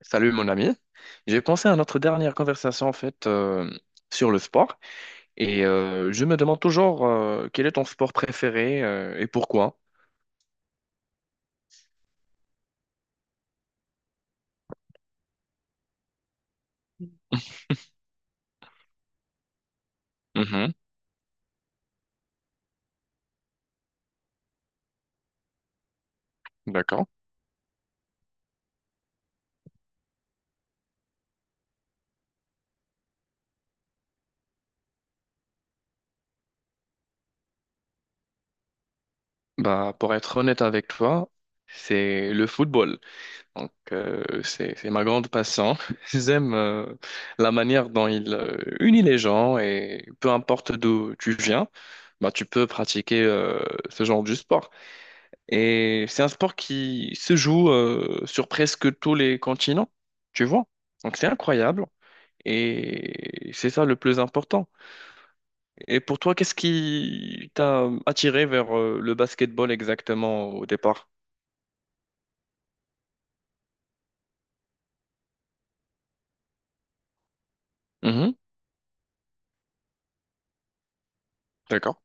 Salut mon ami. J'ai pensé à notre dernière conversation en fait sur le sport et je me demande toujours quel est ton sport préféré et pourquoi. Mhm, d'accord. Bah pour être honnête avec toi, c'est le football. Donc c'est ma grande passion. J'aime la manière dont il unit les gens et peu importe d'où tu viens, bah tu peux pratiquer ce genre de sport. Et c'est un sport qui se joue sur presque tous les continents, tu vois. Donc c'est incroyable. Et c'est ça le plus important. Et pour toi, qu'est-ce qui t'a attiré vers le basketball exactement au départ? Mhm, d'accord.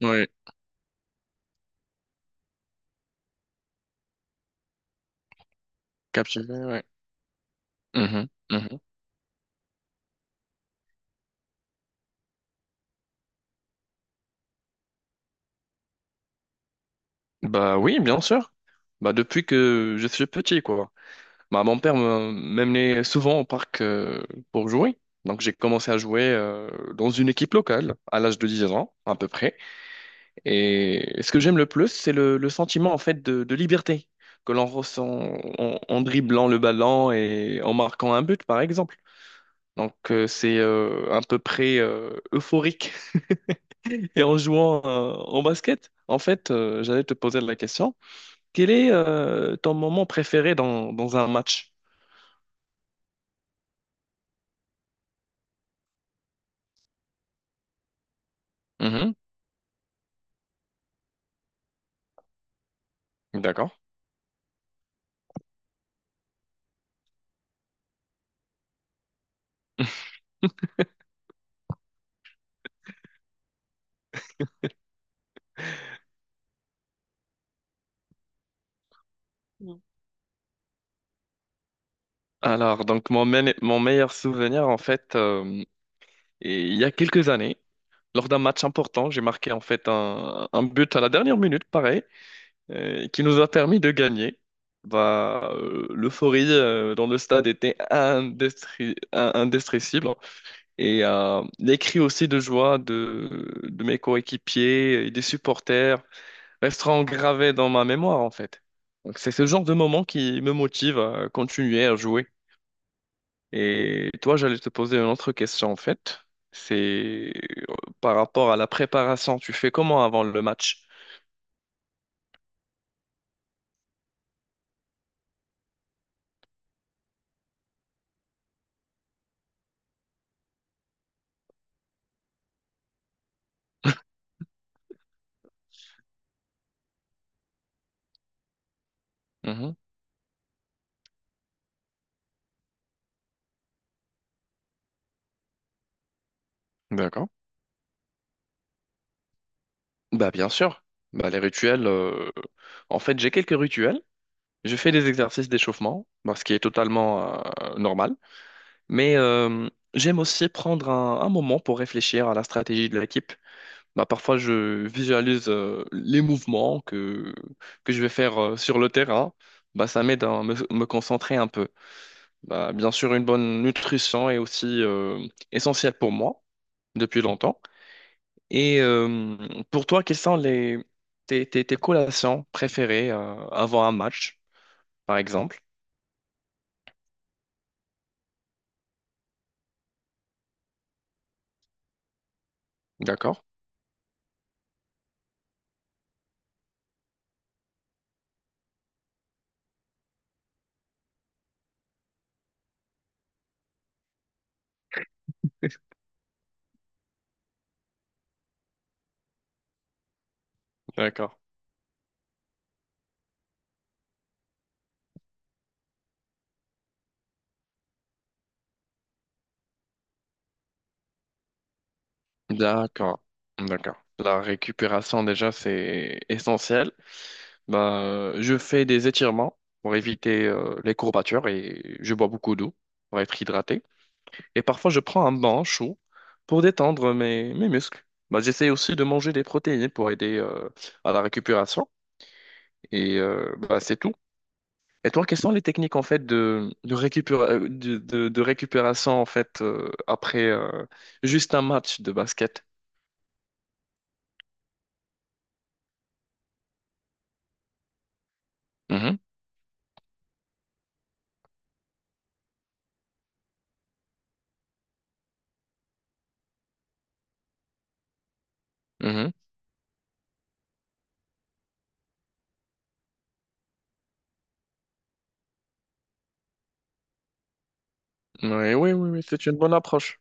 Oui, captivé, ouais. Mhm, mhm. Bah oui, bien sûr. Bah depuis que je suis petit, quoi. Bah, m'amenait souvent au parc pour jouer. Donc j'ai commencé à jouer dans une équipe locale à l'âge de 10 ans à peu près. Et ce que j'aime le plus, c'est le sentiment en fait de liberté que l'on ressent en dribblant le ballon et en marquant un but par exemple. Donc c'est à peu près euphorique. Et en jouant en basket, en fait, j'allais te poser la question, quel est ton moment préféré dans, dans un match? Mhm. D'accord. Alors, donc mon meilleur souvenir, en fait, et il y a quelques années, lors d'un match important, j'ai marqué en fait un but à la dernière minute, pareil, qui nous a permis de gagner. Bah, l'euphorie dans le stade était indescriptible. Et les cris aussi de joie de mes coéquipiers et des supporters resteront gravés dans ma mémoire, en fait. Donc, c'est ce genre de moment qui me motive à continuer à jouer. Et toi, j'allais te poser une autre question en fait. C'est euh, par rapport à la préparation, tu fais comment avant le match? Mhm. D'accord. Bah bien sûr. Bah les rituels. En fait, j'ai quelques rituels. Je fais des exercices d'échauffement, bah, ce qui est totalement normal. Mais j'aime aussi prendre un moment pour réfléchir à la stratégie de l'équipe. Bah, parfois, je visualise les mouvements que je vais faire sur le terrain. Bah ça m'aide à me concentrer un peu. Bah, bien sûr, une bonne nutrition est aussi essentielle pour moi depuis longtemps. Et pour toi, quelles sont tes collations préférées avant un match, par exemple? D'accord? D'accord. D'accord. D'accord. La récupération, déjà, c'est essentiel. Bah, je fais des étirements pour éviter les courbatures et je bois beaucoup d'eau pour être hydraté. Et parfois, je prends un bain chaud pour détendre mes muscles. Bah, j'essaie aussi de manger des protéines pour aider à la récupération. Et bah, c'est tout. Et toi, quelles sont les techniques en fait de récupération en fait après juste un match de basket? Mhm, mhm. Oui, oui, oui, oui, c'est une bonne approche.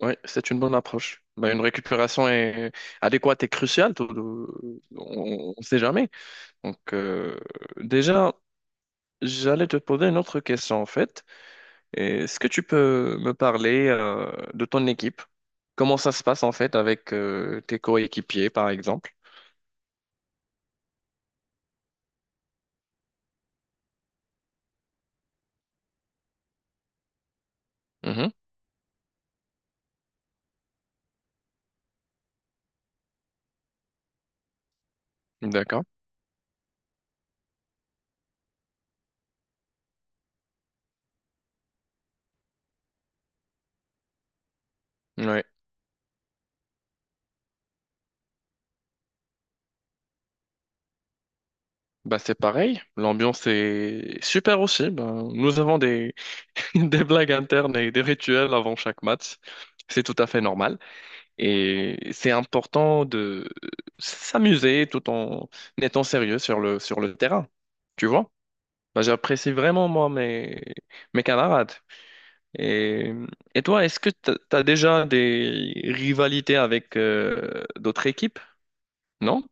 Oui, c'est une bonne approche. Bah, une récupération est adéquate et cruciale. On ne sait jamais. Donc, déjà. J'allais te poser une autre question en fait. Est-ce que tu peux me parler de ton équipe? Comment ça se passe en fait avec tes coéquipiers par exemple? Mhm. D'accord. Ouais. Bah c'est pareil. L'ambiance est super aussi. Ben, nous avons des... des blagues internes et des rituels avant chaque match. C'est tout à fait normal. Et c'est important de s'amuser tout en étant sérieux sur le terrain. Tu vois? Ben, j'apprécie vraiment, moi, mes camarades. Et, et toi, est-ce que tu as déjà des rivalités avec d'autres équipes? Non?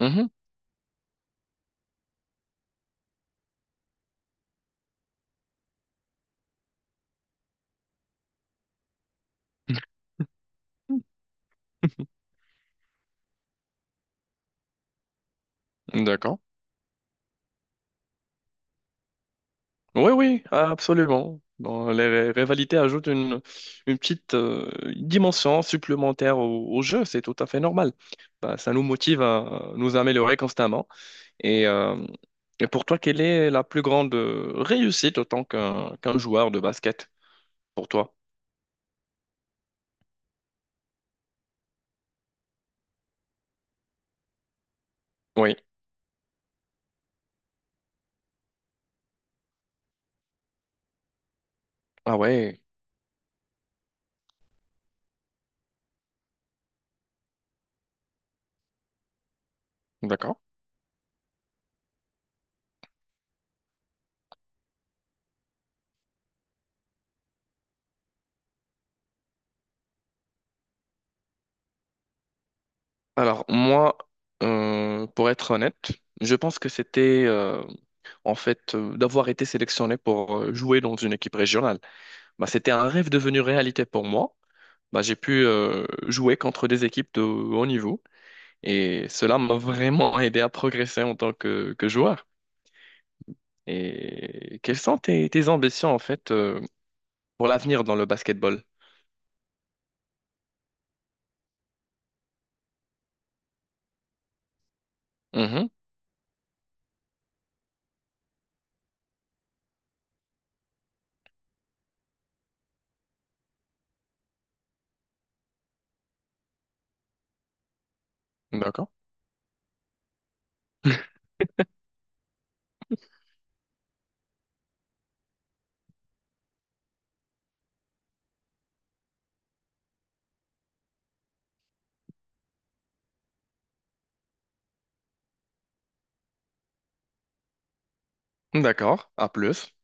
Mhm. D'accord. Oui, oui, absolument. Bon, rivalités ajoutent une petite dimension supplémentaire au jeu, c'est tout à fait normal. Bah, ça nous motive à nous améliorer constamment. Et, euh, et pour toi, quelle est la plus grande réussite en tant qu'un joueur de basket pour toi? Oui. Ah ouais, d'accord. Alors moi, pour être honnête, je pense que c'était en fait d'avoir été sélectionné pour jouer dans une équipe régionale. Bah, c'était un rêve devenu réalité pour moi. Bah, j'ai pu jouer contre des équipes de haut niveau et cela m'a vraiment aidé à progresser en tant que joueur. Et quelles sont tes ambitions en fait pour l'avenir dans le basketball? Mhm, d'accord. D'accord, à plus.